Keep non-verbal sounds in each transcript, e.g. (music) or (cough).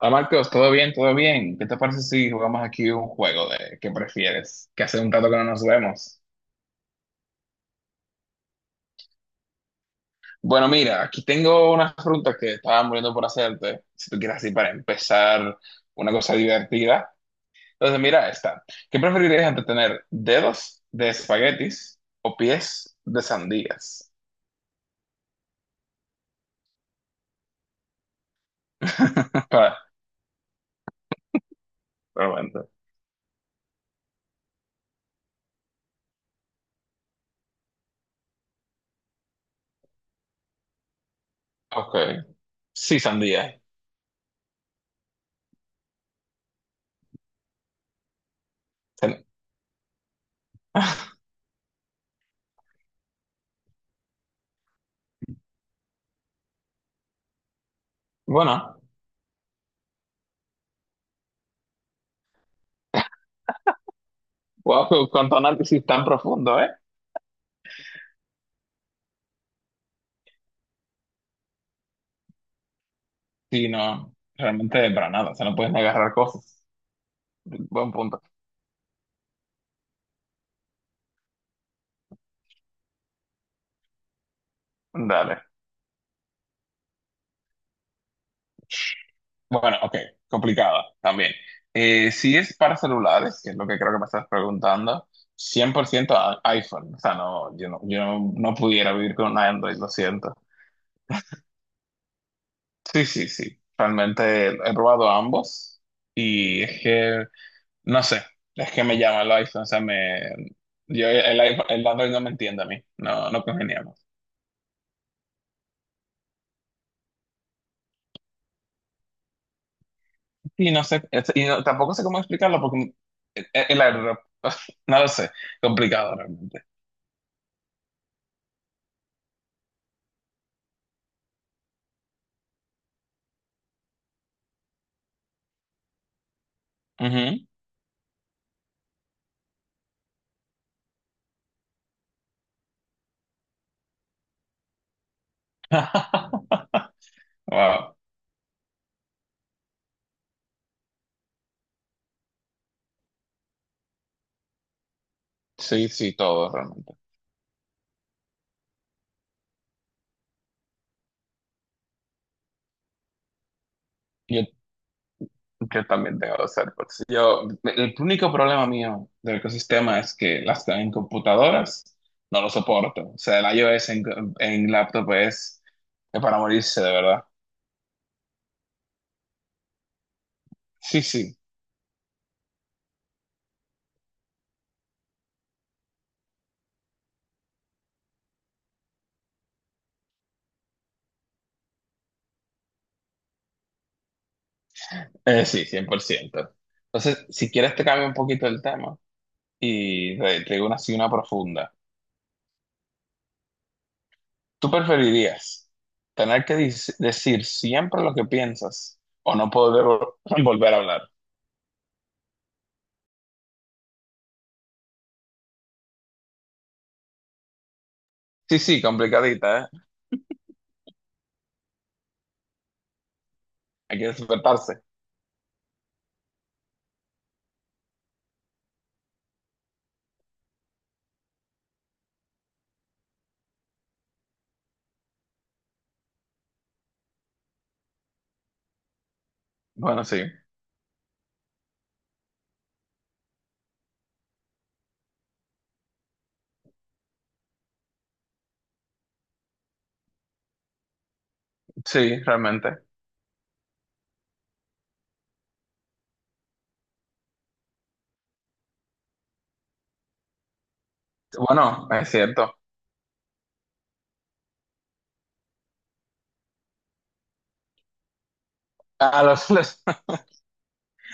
Hola Marcos, ¿todo bien? ¿Todo bien? ¿Qué te parece si jugamos aquí un juego de qué prefieres? Que hace un rato que no nos vemos. Bueno, mira, aquí tengo unas preguntas que estaba muriendo por hacerte, si tú quieres, así para empezar una cosa divertida. Entonces, mira esta. ¿Qué preferirías entre tener dedos de espaguetis o pies de sandías? (laughs) Para, realmente. Ok. Sí, sandía. Sen- (laughs) Bueno, wow, cuánto análisis tan profundo, ¿eh? Sí, no, realmente para nada, o sea, no puedes ni agarrar cosas. Buen punto. Dale. Bueno, ok, complicada también. Si es para celulares, que es lo que creo que me estás preguntando, 100% iPhone. O sea, no, yo no, no pudiera vivir con un Android, lo siento. Sí, sí, sí. Realmente he probado ambos y es que, no sé, es que me llama el iPhone, o sea, me, yo, el, iPhone- el Android no me entiende a mí, no, no congeniamos. Y no sé, tampoco sé cómo explicarlo porque la verdad, (laughs) no lo sé, complicado realmente. Ujú. (laughs) Wow. Sí, sí, todo realmente. Yo, yo también tengo los AirPods. Yo, el único problema mío del ecosistema es que las que hay en computadoras no lo soporto. O sea, el iOS en laptop es para morirse, de verdad. Sí, sí, sí, cien por ciento. Entonces, si quieres te cambio un poquito el tema y te digo una, así una profunda. ¿Tú preferirías tener que decir siempre lo que piensas o no poder (laughs) volver a hablar? Sí, sí, complicadita, ¿eh? Hay que despertarse. Bueno, sí, sí, realmente. Bueno, es cierto. A los, (laughs) los,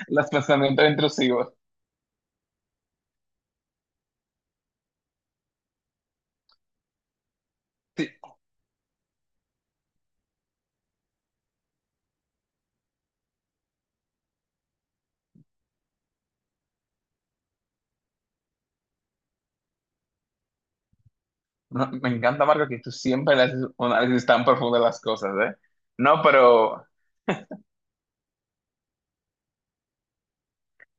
los pensamientos intrusivos. Sí, no, me encanta, Marco, que tú siempre le haces un análisis tan profundo de las cosas, ¿eh? No, pero,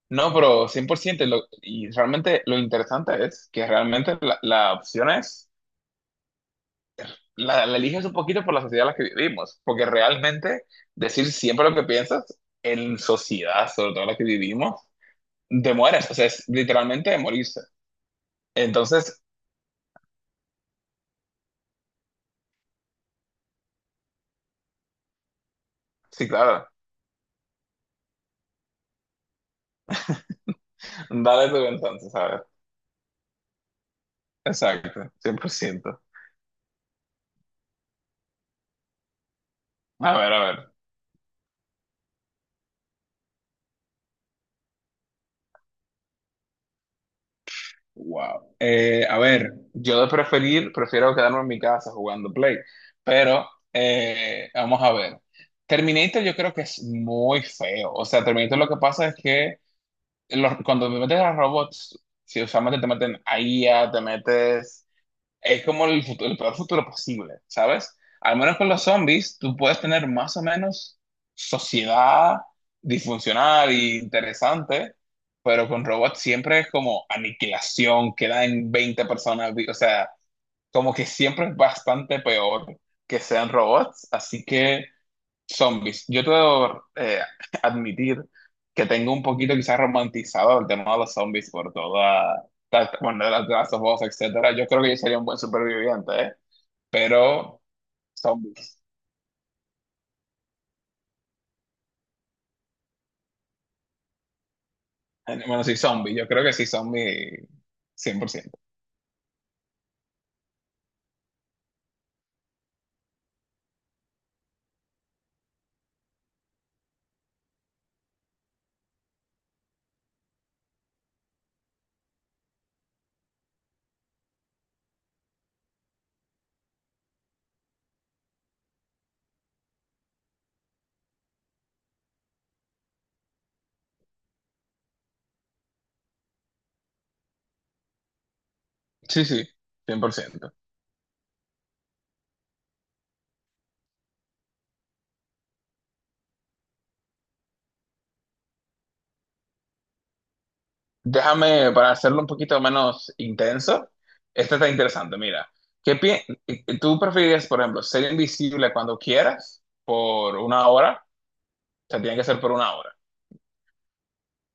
no, pero 100%. Y realmente lo interesante es que realmente la opción es... la eliges un poquito por la sociedad en la que vivimos, porque realmente decir siempre lo que piensas en sociedad, sobre todo en la que vivimos, te mueres, o sea, es literalmente de morirse. Entonces, sí, claro, dale tú entonces, a ver. Exacto, cien por ciento. A ver, a ver. Wow. A ver, yo de preferir, prefiero quedarme en mi casa jugando Play, pero vamos a ver. Terminator yo creo que es muy feo. O sea, Terminator lo que pasa es que cuando te metes a robots, si usualmente te meten a IA, te metes... Es como el, el peor futuro posible, ¿sabes? Al menos con los zombies, tú puedes tener más o menos sociedad disfuncional e interesante, pero con robots siempre es como aniquilación, quedan 20 personas, o sea, como que siempre es bastante peor que sean robots, así que... Zombies. Yo te debo (laughs) admitir que tengo un poquito quizás romantizado el tema de los zombies por toda, bueno, de las voz, etcétera. Yo creo que yo sería un buen superviviente, ¿eh? Pero zombies. Bueno, sí, zombies. Yo creo que sí, zombie cien por ciento. Sí, sí, cien por ciento. Déjame, para hacerlo un poquito menos intenso, esto está interesante. Mira, ¿tú preferirías, por ejemplo, ser invisible cuando quieras por una hora? O sea, tiene que ser por una hora.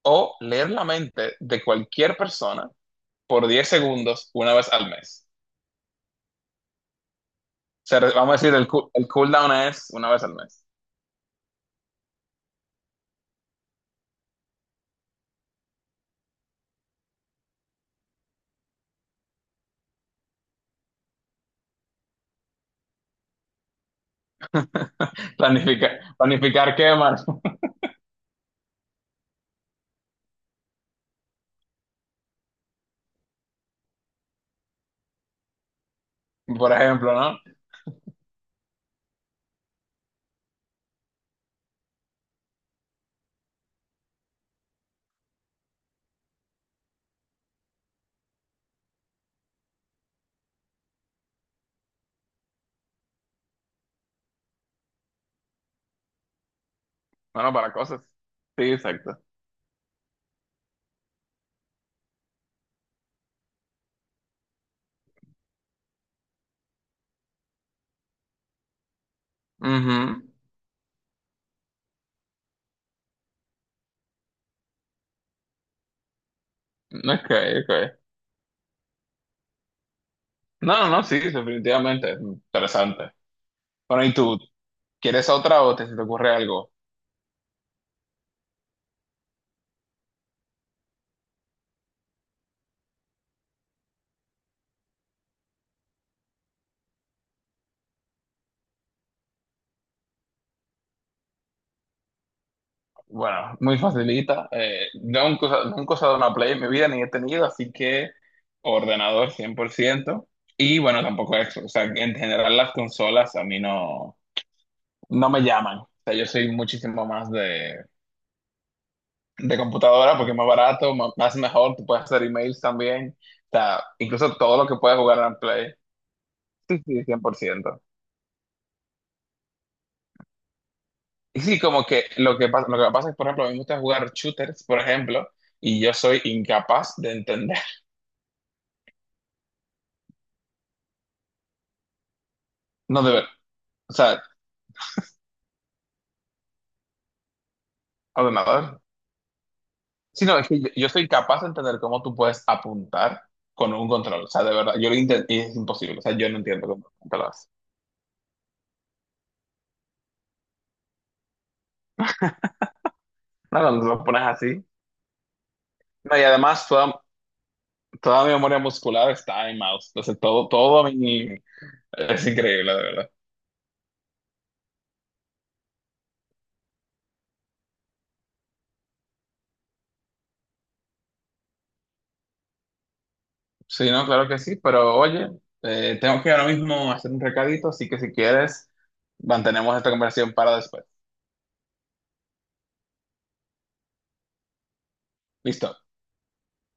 O leer la mente de cualquier persona por 10 segundos una vez al mes. O sea, vamos a decir, el, el cooldown es una vez al mes. (laughs) Planificar, planificar qué quemas, (laughs) por ejemplo, ¿no? Bueno, para cosas. Sí, exacto. Ujú. Ok, ok. No, no, no, sí, definitivamente. Interesante. Bueno, ¿y tú? ¿Quieres otra o te, se te ocurre algo? Bueno, muy facilita. Yo nunca, nunca he usado una Play en mi vida, ni he tenido, así que ordenador cien por ciento. Y bueno, tampoco eso. O sea, en general las consolas a mí no, no me llaman. O sea, yo soy muchísimo más de, computadora porque es más barato, más mejor, tú puedes hacer emails también. O sea, incluso todo lo que puedes jugar en Play. Sí, sí, cien por ciento. Y sí, como que lo que pasa, lo que me pasa es, por ejemplo, a mí me gusta jugar shooters, por ejemplo, y yo soy incapaz de entender. No, de ver. O sea, ordenador. Sí, no, es que yo soy capaz de entender cómo tú puedes apuntar con un control. O sea, de verdad, yo lo intento y es imposible. O sea, yo no entiendo cómo tú lo haces. No, cuando lo pones así. No, y además toda, mi memoria muscular está en mouse. Entonces todo mi... Es increíble, de verdad. Sí, no, claro que sí. Pero oye, tengo que ahora mismo hacer un recadito, así que si quieres, mantenemos esta conversación para después. Listo.